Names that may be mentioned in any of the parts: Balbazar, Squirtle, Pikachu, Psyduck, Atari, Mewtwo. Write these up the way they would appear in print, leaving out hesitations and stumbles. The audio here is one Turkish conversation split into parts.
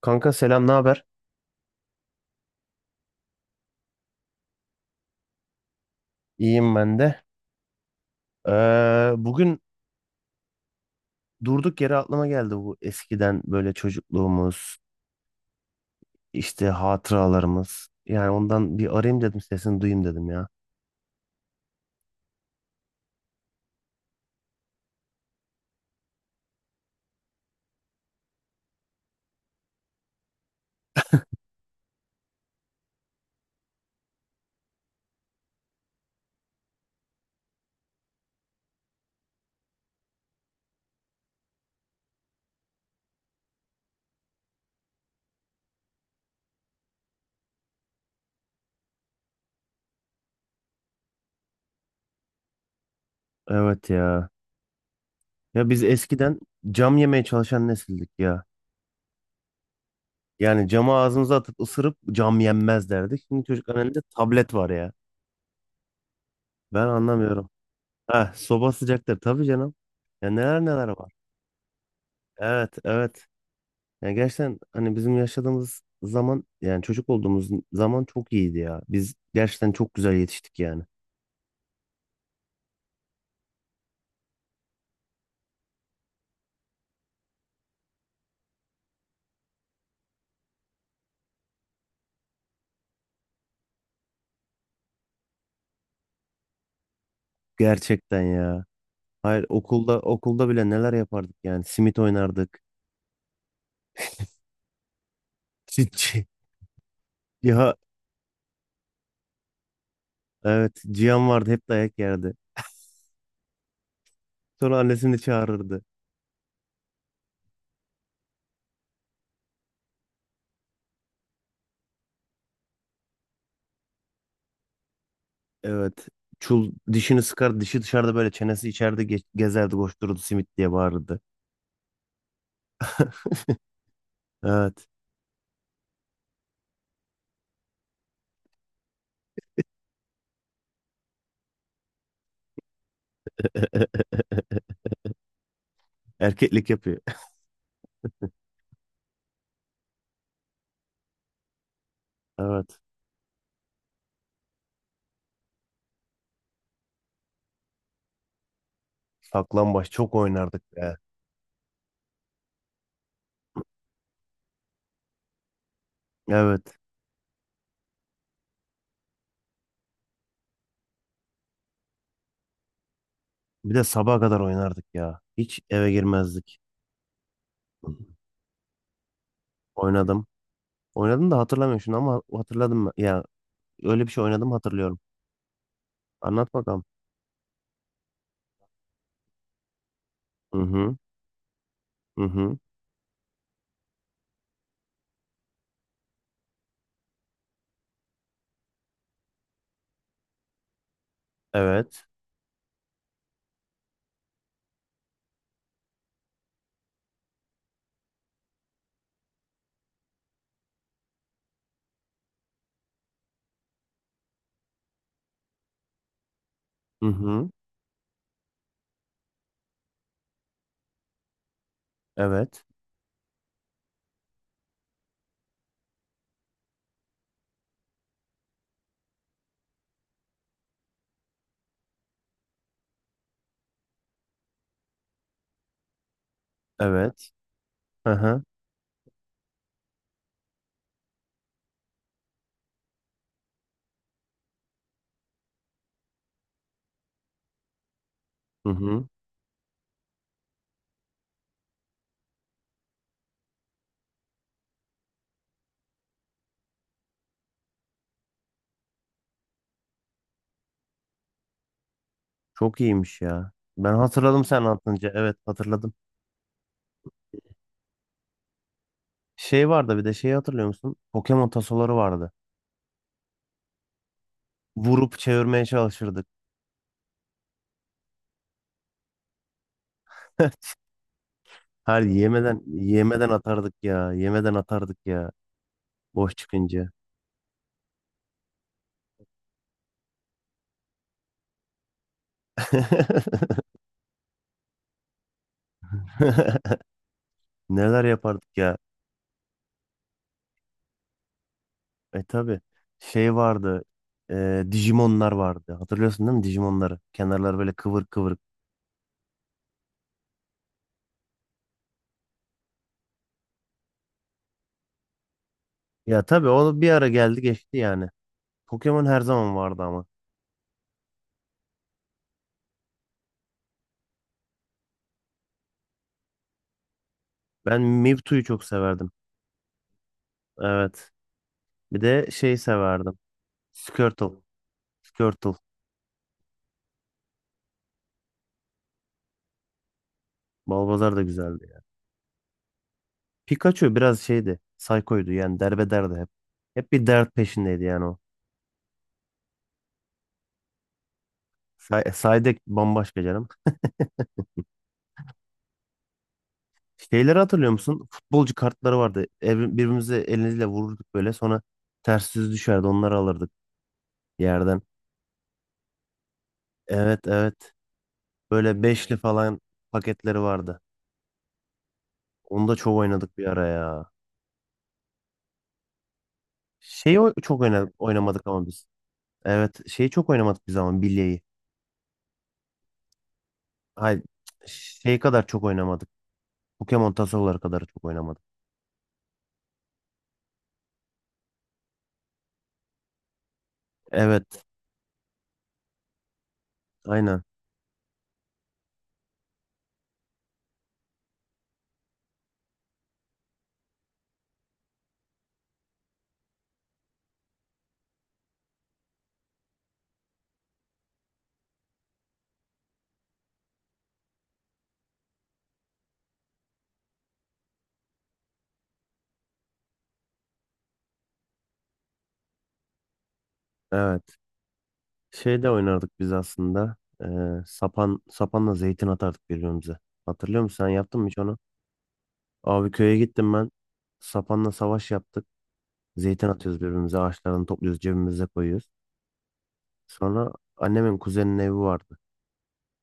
Kanka selam, ne haber? İyiyim ben de. Bugün durduk yere aklıma geldi bu eskiden böyle çocukluğumuz, işte hatıralarımız. Yani ondan bir arayayım dedim, sesini duyayım dedim ya. Evet ya. Ya biz eskiden cam yemeye çalışan nesildik ya. Yani camı ağzımıza atıp ısırıp cam yenmez derdik. Şimdi çocukların elinde tablet var ya. Ben anlamıyorum. Heh, soba sıcaktır tabii canım. Ya neler neler var. Evet, evet. Yani gerçekten hani bizim yaşadığımız zaman yani çocuk olduğumuz zaman çok iyiydi ya. Biz gerçekten çok güzel yetiştik yani. Gerçekten ya. Hayır okulda bile neler yapardık yani. Simit oynardık. Çitçi. Ya evet, Cihan vardı, hep dayak yerdi. Sonra annesini çağırırdı. Evet. Çul dişini sıkar, dişi dışarıda böyle çenesi içeride gezerdi, koştururdu, simit diye bağırırdı. Evet. Erkeklik yapıyor. Evet. Saklambaç çok oynardık ya. Evet. Bir de sabaha kadar oynardık ya. Hiç eve girmezdik. Oynadım. Oynadım da hatırlamıyorum şunu, ama hatırladım ben. Ya öyle bir şey oynadım, hatırlıyorum. Anlat bakalım. Hı hı. Hı hı. Evet. Hı hı. Evet. Evet. Hı hı. Hı hı. Çok iyiymiş ya. Ben hatırladım sen anlatınca. Evet, hatırladım. Şey vardı, bir de şeyi hatırlıyor musun? Pokemon tasoları vardı. Vurup çevirmeye çalışırdık. Her yemeden yemeden atardık ya. Yemeden atardık ya. Boş çıkınca. Neler yapardık ya? E tabi. Şey vardı. Digimonlar vardı. Hatırlıyorsun değil mi Digimonları? Kenarları böyle kıvır kıvır. Ya tabi o bir ara geldi geçti yani. Pokemon her zaman vardı ama. Ben Mewtwo'yu çok severdim. Evet. Bir de şey severdim. Squirtle. Squirtle. Balbazar da güzeldi ya. Pikachu biraz şeydi. Psycho'ydu yani, derbederdi hep. Hep bir dert peşindeydi yani o. Psyduck bambaşka canım. Şeyleri hatırlıyor musun? Futbolcu kartları vardı. Birbirimize elimizle vururduk böyle. Sonra ters yüz düşerdi. Onları alırdık yerden. Evet, evet. Böyle beşli falan paketleri vardı. Onu da çok oynadık bir ara ya. Şeyi çok oynamadık ama biz. Evet, şeyi çok oynamadık biz ama, bilyeyi. Hayır, şey kadar çok oynamadık. Pokemon tasoları kadar çok oynamadık. Evet, aynen evet. Şey de oynardık biz aslında. Ee, sapanla zeytin atardık birbirimize. Hatırlıyor musun? Sen yaptın mı hiç onu? Abi köye gittim ben. Sapanla savaş yaptık. Zeytin atıyoruz birbirimize. Ağaçlarını topluyoruz, cebimize koyuyoruz. Sonra annemin kuzeninin evi vardı.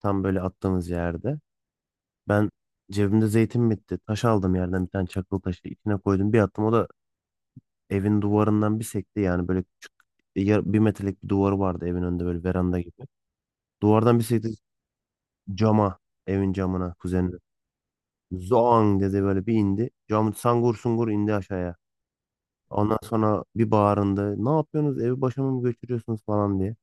Tam böyle attığımız yerde. Ben cebimde zeytin bitti. Taş aldım yerden, bir tane çakıl taşı. İçine koydum, bir attım. O da evin duvarından bir sekti. Yani böyle küçük, 1 metrelik bir duvarı vardı evin önünde, böyle veranda gibi. Duvardan bir sekti cama. Evin camına, kuzenin. Zoang dedi, böyle bir indi. Cam sangur sungur indi aşağıya. Ondan sonra bir bağırındı. Ne yapıyorsunuz? Evi başıma mı götürüyorsunuz falan diye.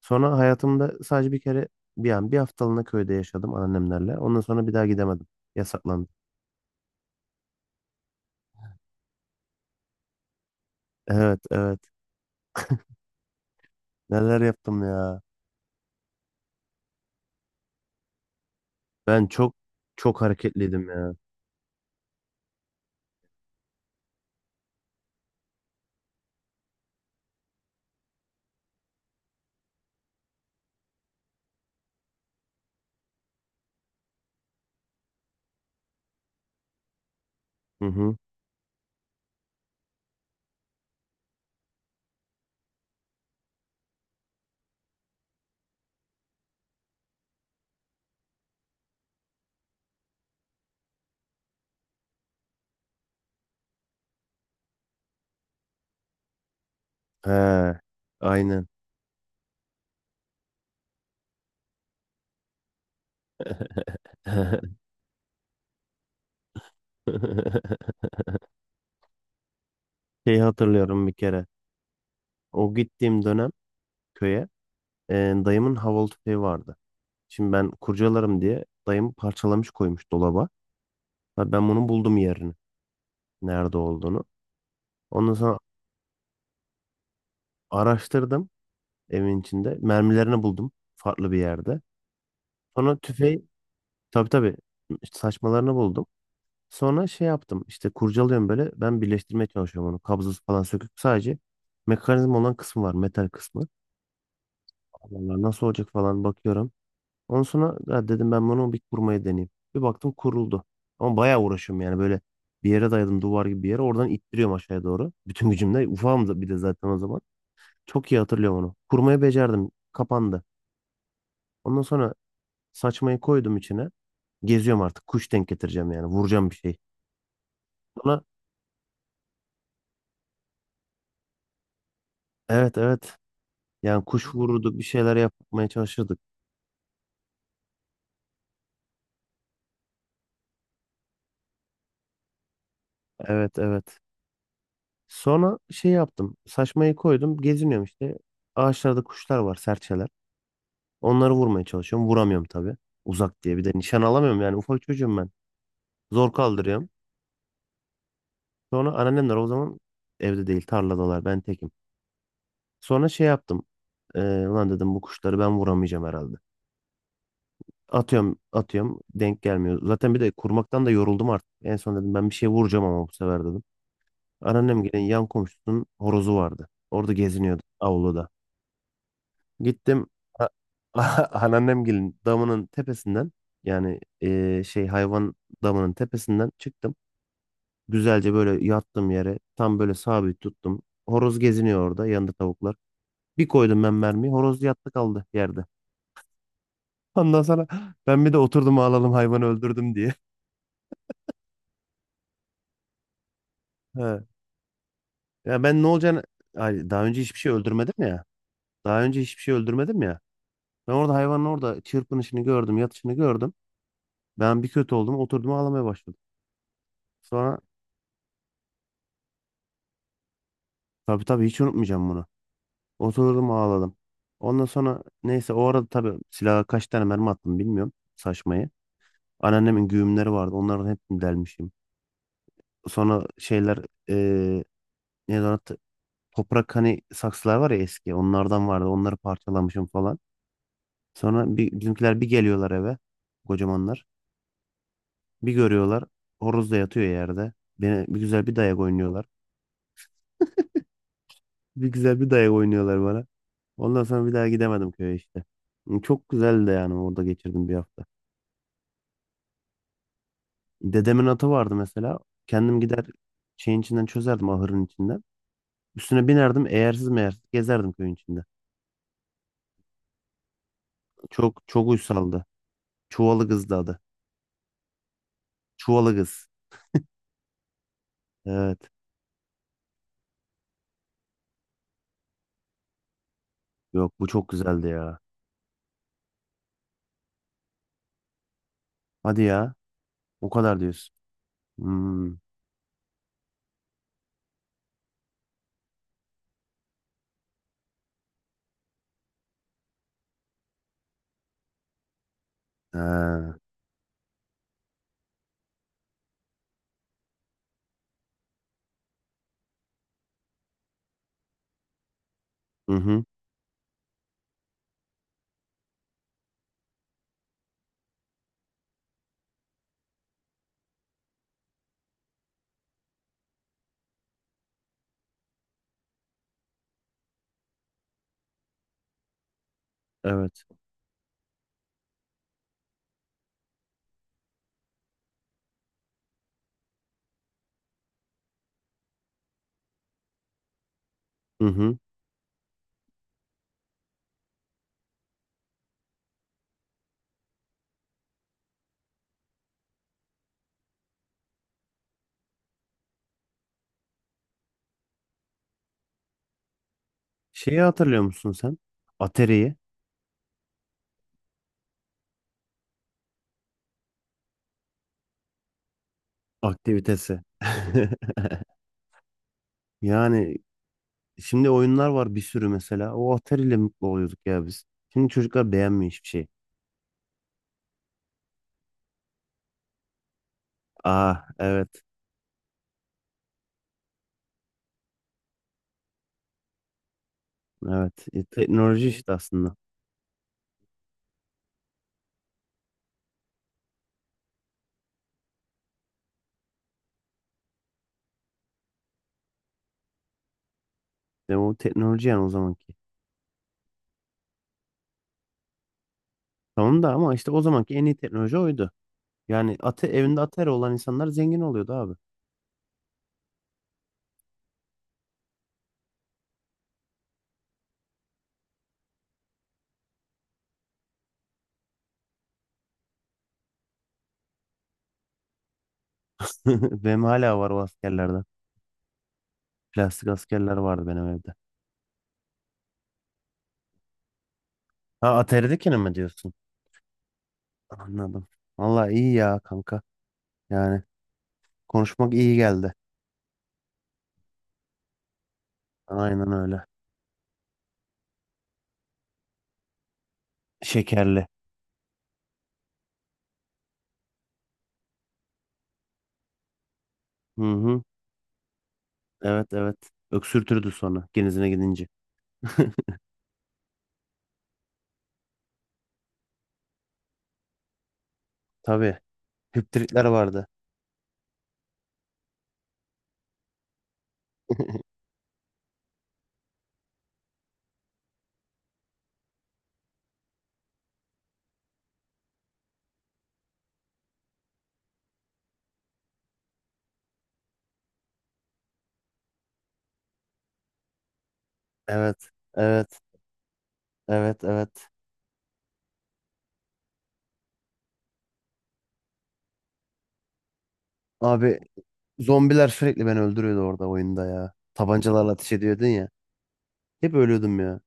Sonra hayatımda sadece bir kere, bir an, bir haftalığına köyde yaşadım annemlerle. Ondan sonra bir daha gidemedim. Yasaklandı. Evet, evet. Neler yaptım ya. Ben çok çok hareketliydim ya. Hı hı. He. Aynen. Şeyi hatırlıyorum bir kere. O gittiğim dönem, köye, e, dayımın havalı tüfeği vardı. Şimdi ben kurcalarım diye dayım parçalamış, koymuş dolaba. Ha, ben bunu buldum, yerini, nerede olduğunu. Ondan sonra araştırdım evin içinde. Mermilerini buldum farklı bir yerde. Sonra tüfeği, tabii tabii işte saçmalarını buldum. Sonra şey yaptım işte, kurcalıyorum böyle, ben birleştirmeye çalışıyorum onu. Kabzası falan söküp, sadece mekanizma olan kısmı var, metal kısmı. Allah nasıl olacak falan bakıyorum. Ondan sonra ya dedim, ben bunu bir kurmayı deneyeyim. Bir baktım, kuruldu. Ama bayağı uğraşıyorum yani, böyle bir yere dayadım, duvar gibi bir yere, oradan ittiriyorum aşağıya doğru. Bütün gücümle, ufağım da bir de zaten o zaman. Çok iyi hatırlıyorum onu. Kurmayı becerdim. Kapandı. Ondan sonra saçmayı koydum içine. Geziyorum artık. Kuş denk getireceğim yani. Vuracağım bir şey. Sonra evet, evet. Yani kuş vururduk. Bir şeyler yapmaya çalışırdık. Evet, evet. Sonra şey yaptım. Saçmayı koydum. Geziniyorum işte. Ağaçlarda kuşlar var. Serçeler. Onları vurmaya çalışıyorum. Vuramıyorum tabii. Uzak diye. Bir de nişan alamıyorum yani. Ufak çocuğum ben. Zor kaldırıyorum. Sonra anneannemler o zaman evde değil. Tarladalar. Ben tekim. Sonra şey yaptım. Ee, ulan dedim, bu kuşları ben vuramayacağım herhalde. Atıyorum atıyorum denk gelmiyor. Zaten bir de kurmaktan da yoruldum artık. En son dedim ben bir şey vuracağım ama bu sefer, dedim. Anneannem gelen yan komşusunun horozu vardı. Orada geziniyordu avluda. Gittim a- anneannem gelin damının tepesinden, yani şey, hayvan damının tepesinden çıktım. Güzelce böyle yattım yere, tam böyle sabit tuttum. Horoz geziniyor orada, yanında tavuklar. Bir koydum ben mermiyi, horoz yattı kaldı yerde. Ondan sonra ben bir de oturdum ağlalım, hayvanı öldürdüm diye. Ha. Ya ben ne olacağını. Ay, daha önce hiçbir şey öldürmedim ya. Daha önce hiçbir şey öldürmedim ya. Ben orada hayvanın orada çırpınışını gördüm, yatışını gördüm. Ben bir kötü oldum, oturdum ağlamaya başladım. Sonra tabii tabii, hiç unutmayacağım bunu. Oturdum ağladım. Ondan sonra neyse, o arada tabii silaha kaç tane mermi attım bilmiyorum, saçmayı. Anneannemin güğümleri vardı. Onların hepsini delmişim. Sonra şeyler, eee neydi ona, toprak hani saksılar var ya eski, onlardan vardı, onları parçalamışım falan. Sonra bir, bizimkiler bir geliyorlar eve, kocamanlar, bir görüyorlar horoz da yatıyor yerde. Beni bir güzel bir dayak oynuyorlar. Bir güzel bir dayak oynuyorlar bana. Ondan sonra bir daha gidemedim köye işte. Çok güzeldi de yani, orada geçirdim bir hafta. Dedemin atı vardı mesela. Kendim gider şeyin içinden çözerdim, ahırın içinden. Üstüne binerdim, eğersiz meğersiz gezerdim köyün içinde. Çok çok uysaldı. Çuvalı kızdı adı. Çuvalı kız. Evet. Yok, bu çok güzeldi ya. Hadi ya. O kadar diyorsun. Hmm. Ha. Hı hı. Evet. Hı hı. Şeyi hatırlıyor musun sen? Atari'yi. Aktivitesi. Yani şimdi oyunlar var bir sürü mesela. O Atari ile mutlu oluyorduk ya biz. Şimdi çocuklar beğenmiyor hiçbir şey. Aa evet. Evet. E, teknoloji işte aslında. De o teknoloji yani, o zamanki. Tamam da ama işte, o zamanki en iyi teknoloji oydu. Yani evinde Atari olan insanlar zengin oluyordu abi. Benim hala var o askerlerden. Plastik askerler vardı benim evde. Ha, Atari'dekini mi diyorsun? Anladım. Vallahi iyi ya kanka. Yani konuşmak iyi geldi. Aynen öyle. Şekerli. Hı hı. Evet, evet. Öksürtürdü sonra genizine gidince. Tabii. Hüptritler vardı. Evet. Evet. Evet. Evet. Abi zombiler sürekli beni öldürüyordu orada, oyunda ya. Tabancalarla ateş ediyordun ya. Hep ölüyordum ya.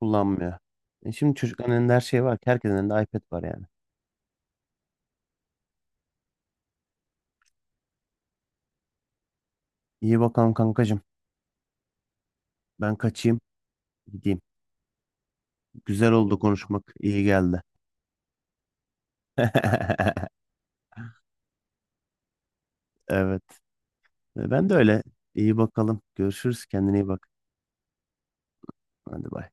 Kullanmıyor. E şimdi çocukların elinde her şey var ki. Herkesin elinde iPad var yani. İyi bakalım kankacığım. Ben kaçayım. Gideyim. Güzel oldu konuşmak. İyi geldi. Evet. Ben de öyle. İyi bakalım. Görüşürüz. Kendine iyi bak. Hadi bay.